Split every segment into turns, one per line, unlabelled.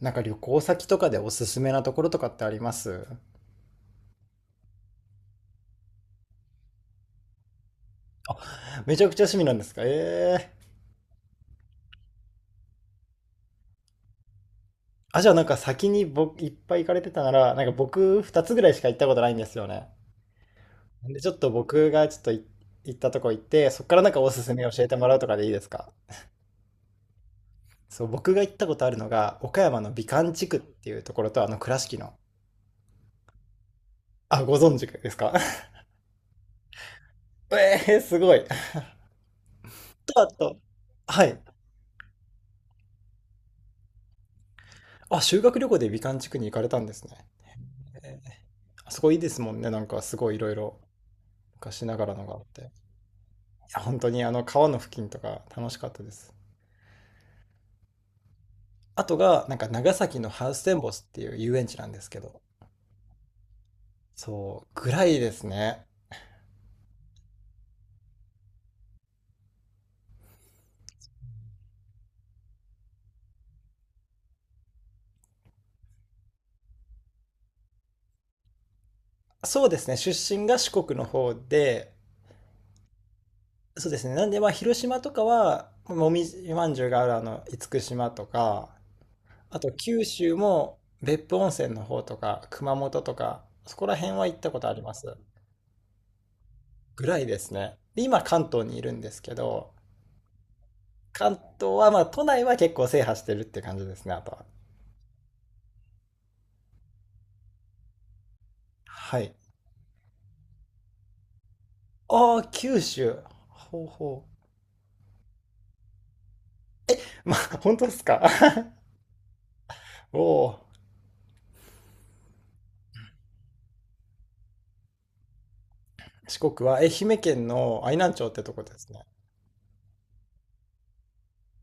なんか旅行先とかでおすすめなところとかってあります？めちゃくちゃ趣味なんですか？ええー。あ、じゃあなんか先に僕いっぱい行かれてたなら、なんか僕2つぐらいしか行ったことないんですよね。なんでちょっと僕がちょっと行ったとこ行って、そっからなんかおすすめ教えてもらうとかでいいですか？そう、僕が行ったことあるのが、岡山の美観地区っていうところと、あの倉敷の。あ、ご存知ですか？ ええー、すごい。と、あと、はい。あ、修学旅行で美観地区に行かれたんですね。えーあそこいいですもんね。なんかすごいいろいろ。昔ながらのがあって。や、本当にあの川の付近とか楽しかったです。あとが、なんか長崎のハウステンボスっていう遊園地なんですけど、そう、ぐらいですね。そうですね、出身が四国の方で、そうですね、なんでまあ広島とかは、もみじまんじゅうがあるあの厳島とか、あと九州も別府温泉の方とか、熊本とか、そこら辺は行ったことあります。ぐらいですね。で、今関東にいるんですけど、関東は、まあ、都内は結構制覇してるって感じですね、あとは。はい。ああ、九州。ほうほう。まあ、本当ですか？ おおー。四国は愛媛県の愛南町ってとこですね。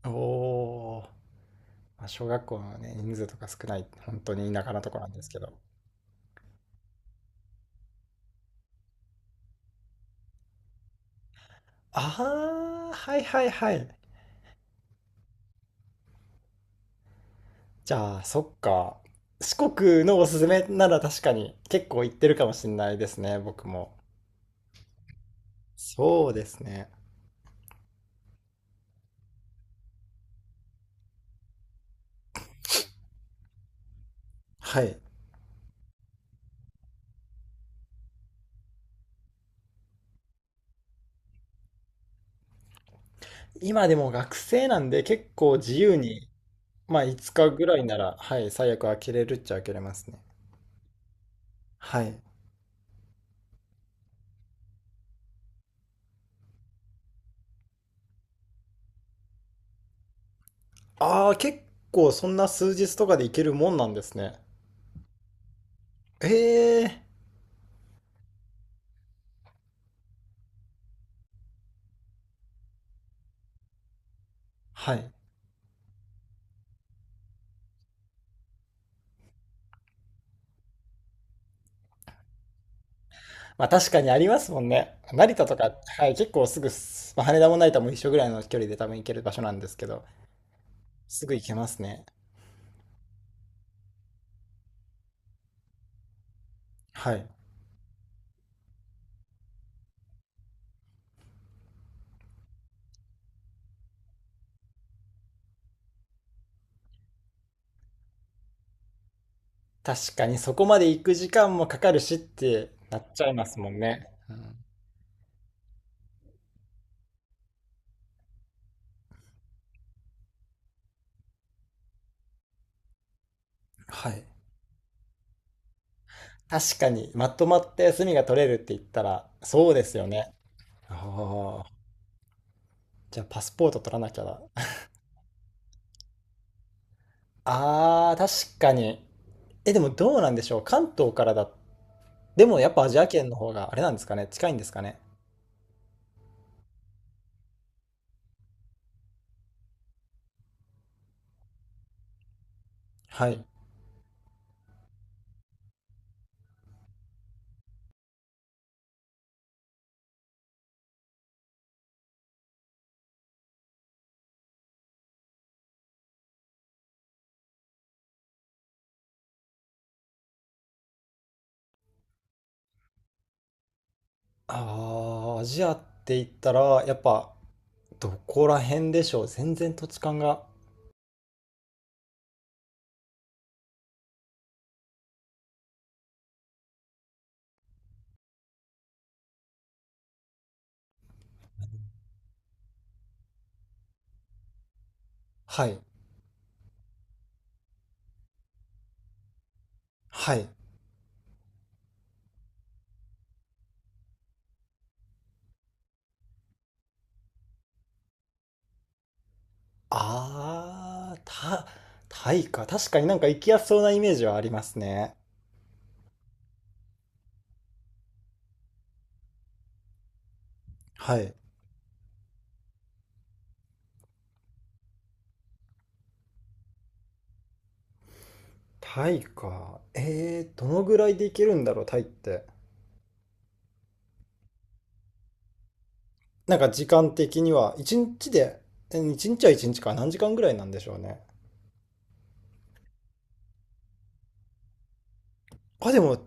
おお。まあ、小学校のね、人数とか少ない、本当に田舎なとこなんですけど。ああ、はいはいはい。じゃあ、そっか。四国のおすすめなら確かに結構行ってるかもしれないですね、僕も。そうですね。はい。今でも学生なんで結構自由に、まあ5日ぐらいなら、はい、最悪開けれるっちゃ開けれますね。はい。ああ、結構そんな数日とかで行けるもんなんですね。ええ、はい。まあ確かにありますもんね。成田とか、はい、結構すぐ、まあ、羽田も成田も一緒ぐらいの距離で多分行ける場所なんですけど、すぐ行けますね。はい。確かにそこまで行く時間もかかるしってなっちゃいますもんね。うん、はい。確かに、まとまって休みが取れるって言ったら、そうですよね。ああ。じゃあ、パスポート取らなきゃだ。ああ、確かに。え、でもどうなんでしょう。関東からだ。でもやっぱアジア圏の方があれなんですかね。近いんですかね。はい。ああ、アジアって言ったら、やっぱどこら辺でしょう。全然土地勘が。はい。はい。ああ、タイか。確かになんか行きやすそうなイメージはありますね。はい。タイか。どのぐらいで行けるんだろう、タイって。なんか時間的には、1日で、1日は1日か、何時間ぐらいなんでしょうね。あ、でも、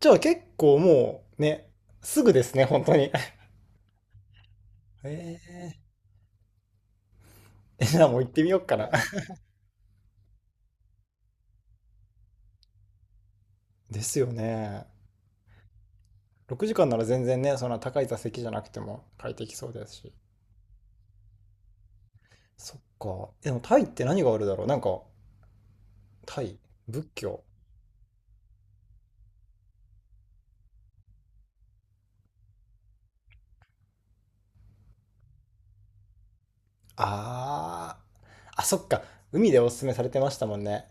じゃあ結構もう、ね、すぐですね、本当に。えじゃあもう行ってみようかな。ですよね。6時間なら全然ね、そんな高い座席じゃなくても快適そうですし。そっか。でもタイって何があるだろうなんか、タイ、仏教。あー、あ、そっか。海でおすすめされてましたもんね。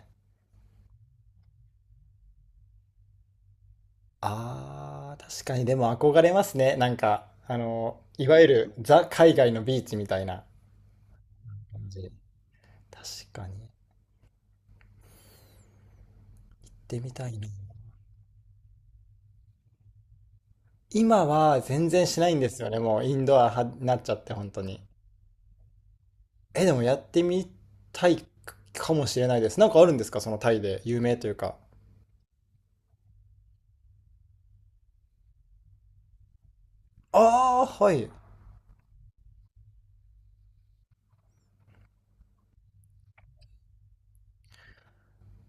あー、確かにでも憧れますね。なんか、いわゆるザ海外のビーチみたいな感じ。確かに。行ってみたいな。今は全然しないんですよね。もうインドア派になっちゃって、本当に。え、でもやってみたいかもしれないです。なんかあるんですか、そのタイで有名というか？あー、はい。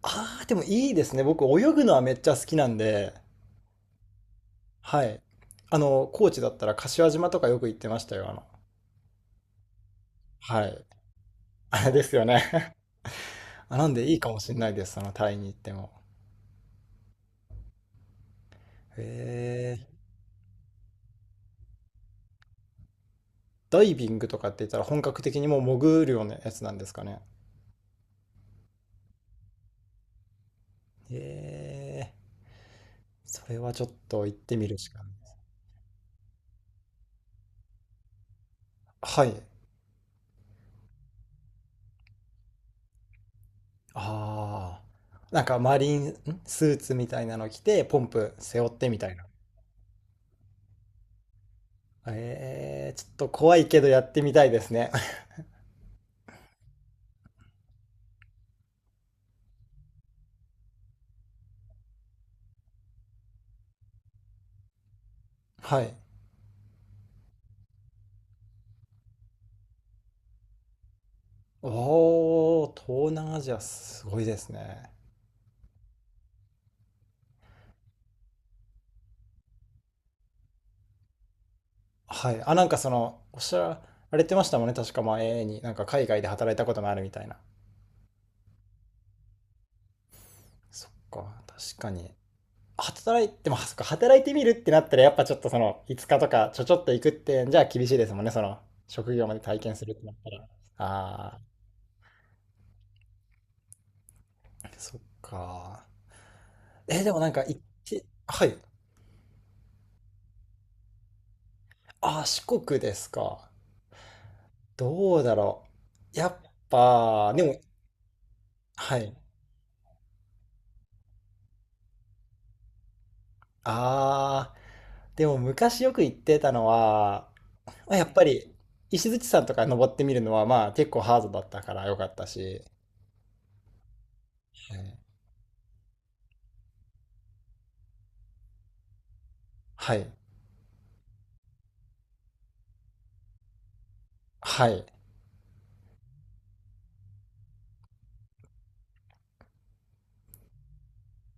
あー、でもいいですね。僕泳ぐのはめっちゃ好きなんで。はい。あの、高知だったら柏島とかよく行ってましたよ。あの、はい。あれですよね。あ、なんでいいかもしれないです、そのタイに行っても。へえ。ダイビングとかって言ったら本格的にもう潜るようなやつなんですかね。へえ。それはちょっと行ってみるしかない。はい。ああ。なんかマリン、スーツみたいなの着て、ポンプ背負ってみたいな。ちょっと怖いけどやってみたいですね。はい。おー、東南アジアすごいですね。はい。あ、なんかその、おっしゃられてましたもんね。確か前に、なんか海外で働いたこともあるみたいな。そっか、確かに。働いて、まあ、そっか、働いてみるってなったら、やっぱちょっとその、5日とかちょっと行くって、じゃあ厳しいですもんね。その、職業まで体験するってなったら。ああ、そっか。え、でもなんか行って、はい。ああ、四国ですか。どうだろう。やっぱ、でも、はい。ああ、でも昔よく行ってたのは、まあ、やっぱり石鎚山とか登ってみるのはまあ結構ハードだったから良かったし、はい、はい。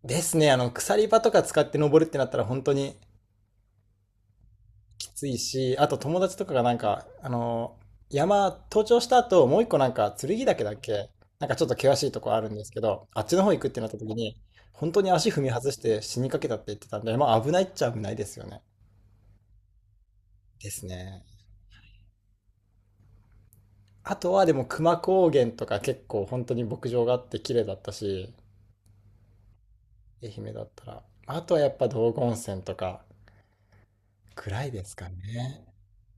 ですね、あの鎖場とか使って登るってなったら本当にきついし、あと友達とかがなんか、山登頂した後もう一個なんか剣岳だっけ、なんかちょっと険しいとこあるんですけど、あっちの方行くってなった時に、本当に足踏み外して死にかけたって言ってたんで、まあ危ないっちゃ危ないですよね。ですね。あとはでも熊高原とか結構本当に牧場があって綺麗だったし、愛媛だったら。あとはやっぱ道後温泉とかぐらいですかね。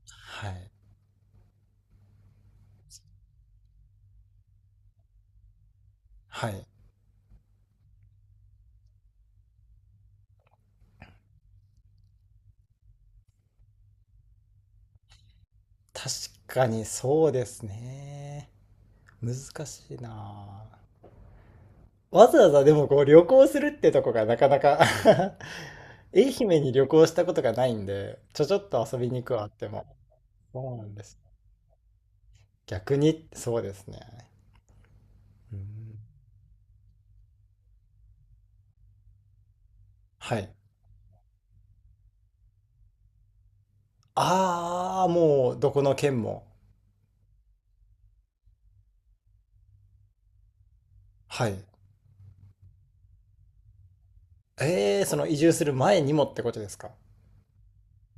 はい。はい。確かにそうですね。難しいなあ。わざわざでもこう旅行するってとこがなかなか。 愛媛に旅行したことがないんで、ちょっと遊びに行くわっても。そうなんです。逆に、そうですね。うん、はい。ああ、もうどこの県も。はい。ええ、その移住する前にもってことですか？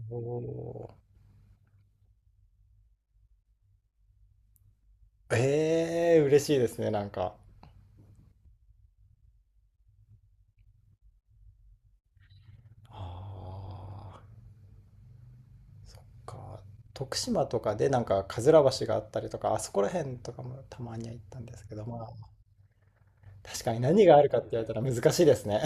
おお。ええ、嬉しいですね、なんか。ああ、そっか。徳島とかでなんか、かずら橋があったりとか、あそこら辺とかもたまには行ったんですけど、まあ、確かに何があるかって言われたら難しいですね。